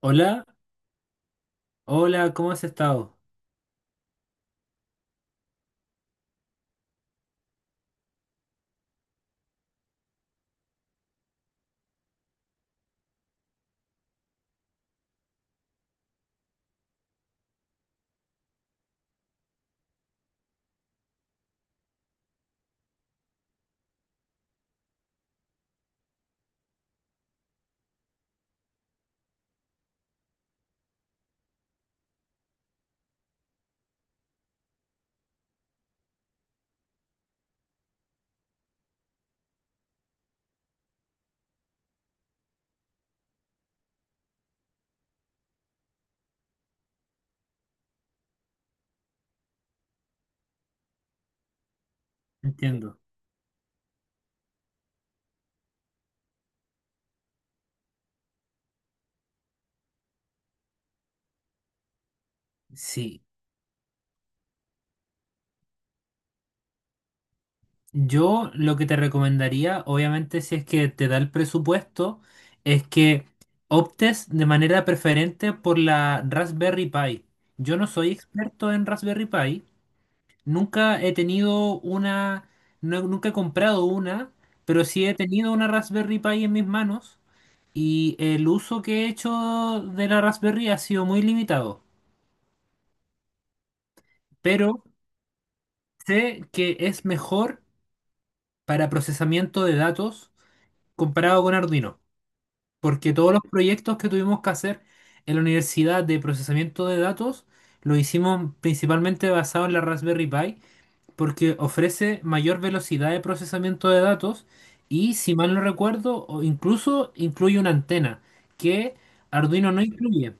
Hola, hola, ¿cómo has estado? Entiendo. Sí, yo lo que te recomendaría, obviamente, si es que te da el presupuesto, es que optes de manera preferente por la Raspberry Pi. Yo no soy experto en Raspberry Pi, nunca he tenido una, nunca he comprado una, pero sí he tenido una Raspberry Pi en mis manos y el uso que he hecho de la Raspberry ha sido muy limitado, pero sé que es mejor para procesamiento de datos comparado con Arduino, porque todos los proyectos que tuvimos que hacer en la universidad de procesamiento de datos lo hicimos principalmente basado en la Raspberry Pi, porque ofrece mayor velocidad de procesamiento de datos y, si mal no recuerdo, o incluso incluye una antena que Arduino no incluye.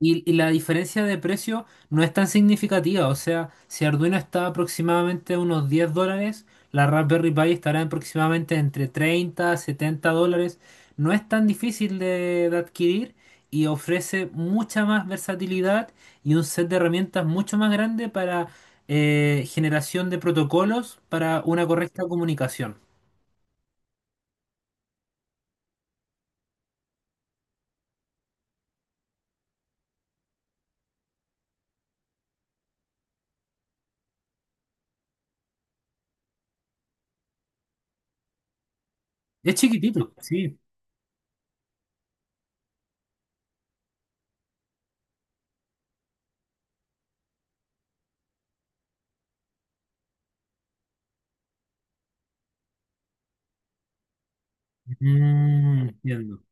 Y la diferencia de precio no es tan significativa, o sea, si Arduino está aproximadamente a unos $10, la Raspberry Pi estará en aproximadamente entre $30 a $70. No es tan difícil de adquirir y ofrece mucha más versatilidad y un set de herramientas mucho más grande para generación de protocolos para una correcta comunicación. Es chiquitito, sí. Entiendo.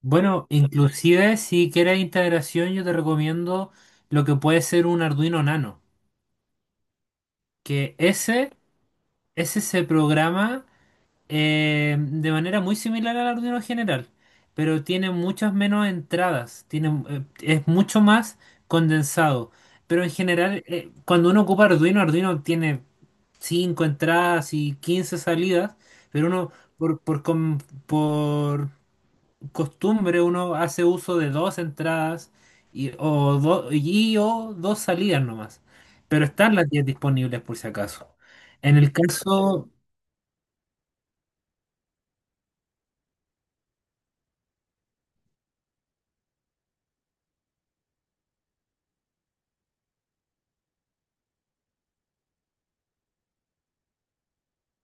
Bueno, inclusive si quieres integración, yo te recomiendo lo que puede ser un Arduino Nano, que ese se programa de manera muy similar al Arduino general, pero tiene muchas menos entradas, es mucho más condensado. Pero en general, cuando uno ocupa Arduino tiene 5 entradas y 15 salidas, pero uno por, por, com- por costumbre uno hace uso de dos entradas y o dos salidas nomás. Pero están las 10 disponibles por si acaso. En el caso,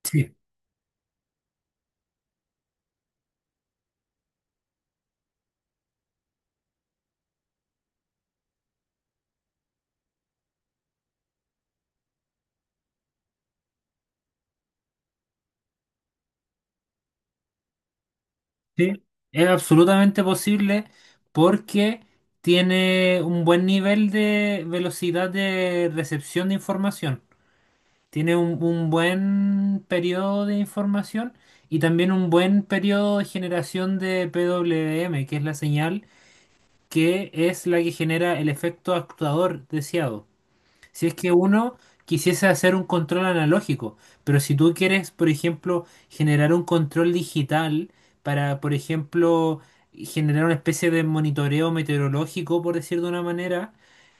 sí, sí, es absolutamente posible porque tiene un buen nivel de velocidad de recepción de información. Tiene un buen periodo de información y también un buen periodo de generación de PWM, que es la señal que es la que genera el efecto actuador deseado. Si es que uno quisiese hacer un control analógico, pero si tú quieres, por ejemplo, generar un control digital para, por ejemplo, generar una especie de monitoreo meteorológico, por decir de una manera,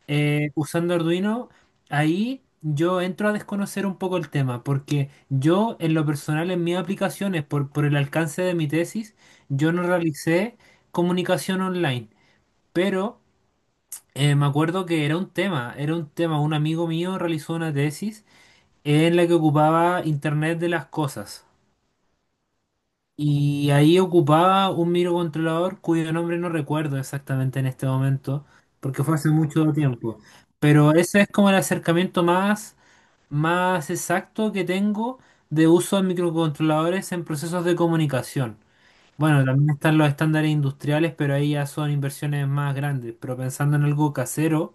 usando Arduino, ahí yo entro a desconocer un poco el tema, porque yo en lo personal, en mis aplicaciones, por el alcance de mi tesis, yo no realicé comunicación online, pero me acuerdo que era un tema, era un tema. Un amigo mío realizó una tesis en la que ocupaba Internet de las cosas. Y ahí ocupaba un microcontrolador cuyo nombre no recuerdo exactamente en este momento, porque fue hace mucho tiempo. Pero ese es como el acercamiento más exacto que tengo de uso de microcontroladores en procesos de comunicación. Bueno, también están los estándares industriales, pero ahí ya son inversiones más grandes. Pero pensando en algo casero.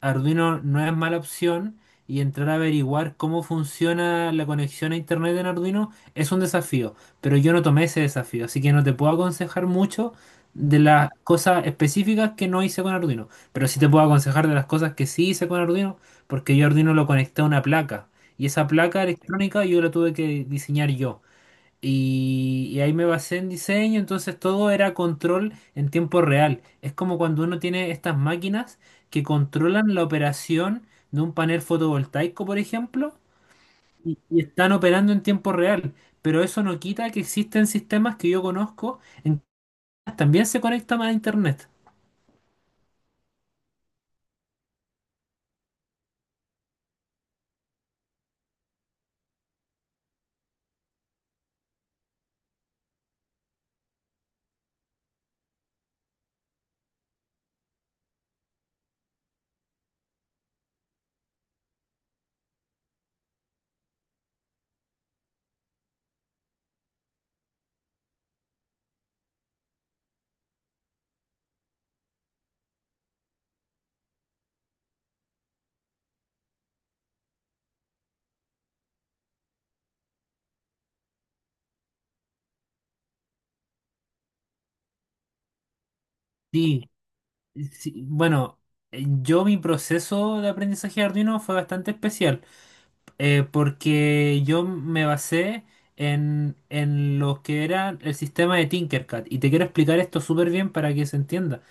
Arduino no es mala opción y entrar a averiguar cómo funciona la conexión a internet en Arduino es un desafío, pero yo no tomé ese desafío, así que no te puedo aconsejar mucho de las cosas específicas que no hice con Arduino, pero sí te puedo aconsejar de las cosas que sí hice con Arduino, porque yo Arduino lo conecté a una placa y esa placa electrónica yo la tuve que diseñar yo. Y ahí me basé en diseño, entonces todo era control en tiempo real. Es como cuando uno tiene estas máquinas que controlan la operación de un panel fotovoltaico, por ejemplo, y están operando en tiempo real. Pero eso no quita que existen sistemas que yo conozco en que también se conectan a internet. Sí, sí, bueno, yo mi proceso de aprendizaje de Arduino fue bastante especial. Porque yo me basé en lo que era el sistema de Tinkercad y te quiero explicar esto súper bien para que se entienda.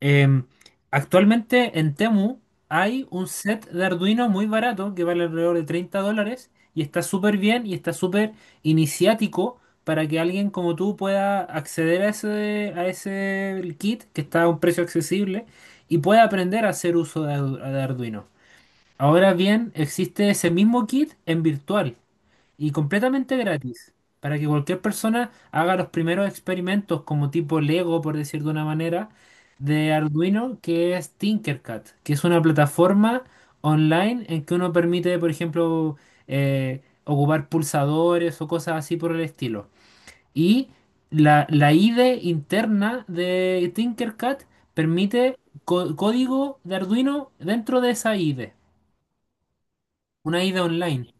Eh, actualmente en Temu hay un set de Arduino muy barato que vale alrededor de $30 y está súper bien y está súper iniciático para que alguien como tú pueda acceder a ese kit que está a un precio accesible y pueda aprender a hacer uso de Arduino. Ahora bien, existe ese mismo kit en virtual y completamente gratis para que cualquier persona haga los primeros experimentos como tipo Lego, por decir de una manera, de Arduino, que es Tinkercad, que es una plataforma online en que uno permite, por ejemplo, ocupar pulsadores o cosas así por el estilo. Y la IDE interna de Tinkercad permite código de Arduino dentro de esa IDE. Una ida online.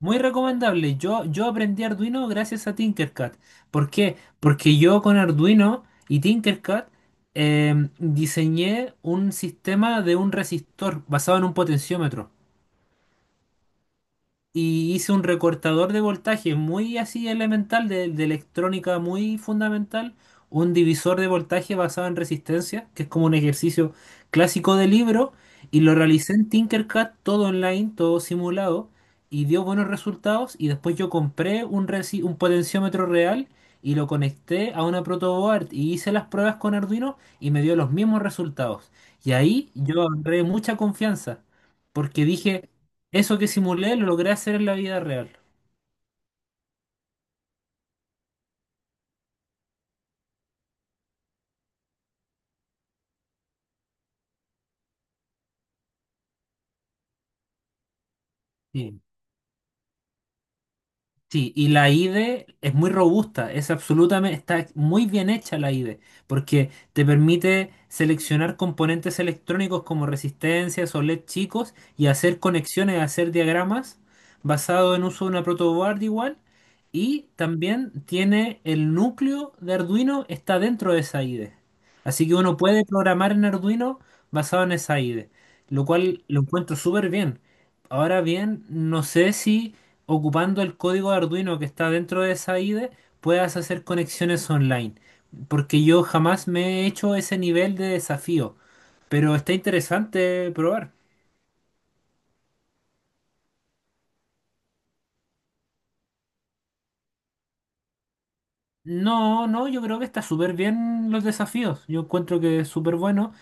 Muy recomendable. Yo aprendí Arduino gracias a Tinkercad. ¿Por qué? Porque yo con Arduino y Tinkercad diseñé un sistema de un resistor basado en un potenciómetro. Y hice un recortador de voltaje muy así elemental, de electrónica muy fundamental, un divisor de voltaje basado en resistencia, que es como un ejercicio clásico de libro, y lo realicé en Tinkercad, todo online, todo simulado, y dio buenos resultados, y después yo compré un potenciómetro real. Y lo conecté a una protoboard y hice las pruebas con Arduino y me dio los mismos resultados. Y ahí yo agarré mucha confianza porque dije, eso que simulé lo logré hacer en la vida real. Sí, sí, y la IDE es muy robusta, es absolutamente, está muy bien hecha la IDE, porque te permite seleccionar componentes electrónicos como resistencias o LED chicos y hacer conexiones, hacer diagramas basado en uso de una protoboard igual. Y también tiene el núcleo de Arduino está dentro de esa IDE. Así que uno puede programar en Arduino basado en esa IDE, lo cual lo encuentro súper bien. Ahora bien, no sé si ocupando el código de Arduino que está dentro de esa IDE puedas hacer conexiones online, porque yo jamás me he hecho ese nivel de desafío, pero está interesante probar. No, no, yo creo que está súper bien los desafíos. Yo encuentro que es súper bueno.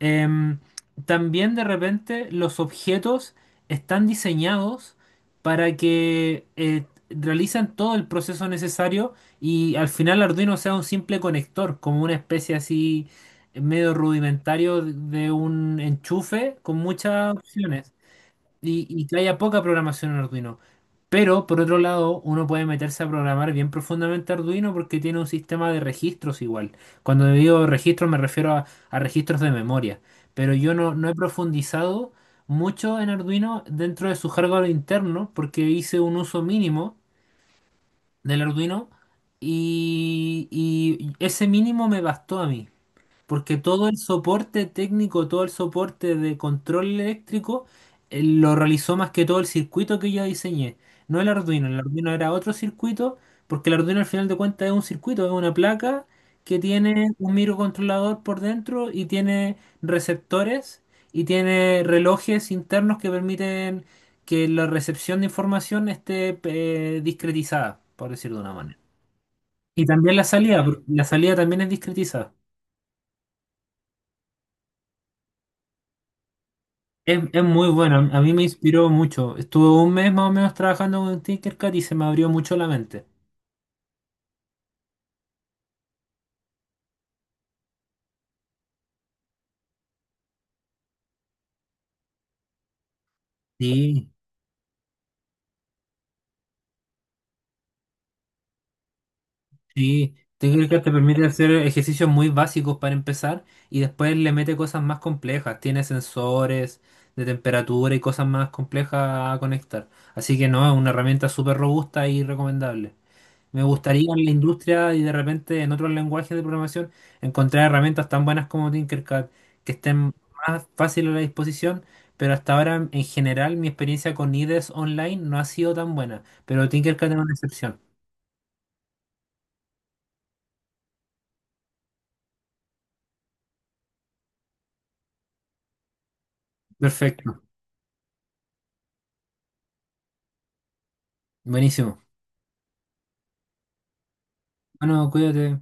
Em, también de repente los objetos están diseñados para que realizan todo el proceso necesario y al final Arduino sea un simple conector, como una especie así medio rudimentario de un enchufe con muchas opciones y que haya poca programación en Arduino. Pero por otro lado, uno puede meterse a programar bien profundamente Arduino porque tiene un sistema de registros igual. Cuando digo registros me refiero a registros de memoria. Pero yo no, no he profundizado mucho en Arduino dentro de su hardware interno porque hice un uso mínimo del Arduino y ese mínimo me bastó a mí. Porque todo el soporte técnico, todo el soporte de control eléctrico, lo realizó más que todo el circuito que yo diseñé. No el Arduino, el Arduino era otro circuito, porque el Arduino al final de cuentas es un circuito, es una placa que tiene un microcontrolador por dentro y tiene receptores y tiene relojes internos que permiten que la recepción de información esté discretizada, por decirlo de una manera. Y también la salida, porque la salida también es discretizada. Es muy bueno, a mí me inspiró mucho. Estuve un mes más o menos trabajando con Tinkercad y se me abrió mucho la mente. Sí, sí. Tinkercad te permite hacer ejercicios muy básicos para empezar y después le mete cosas más complejas. Tiene sensores de temperatura y cosas más complejas a conectar. Así que no, es una herramienta súper robusta y recomendable. Me gustaría en la industria y de repente en otros lenguajes de programación encontrar herramientas tan buenas como Tinkercad que estén más fácil a la disposición, pero hasta ahora en general mi experiencia con IDEs online no ha sido tan buena, pero Tinkercad es una excepción. Perfecto, buenísimo. Bueno, cuídate.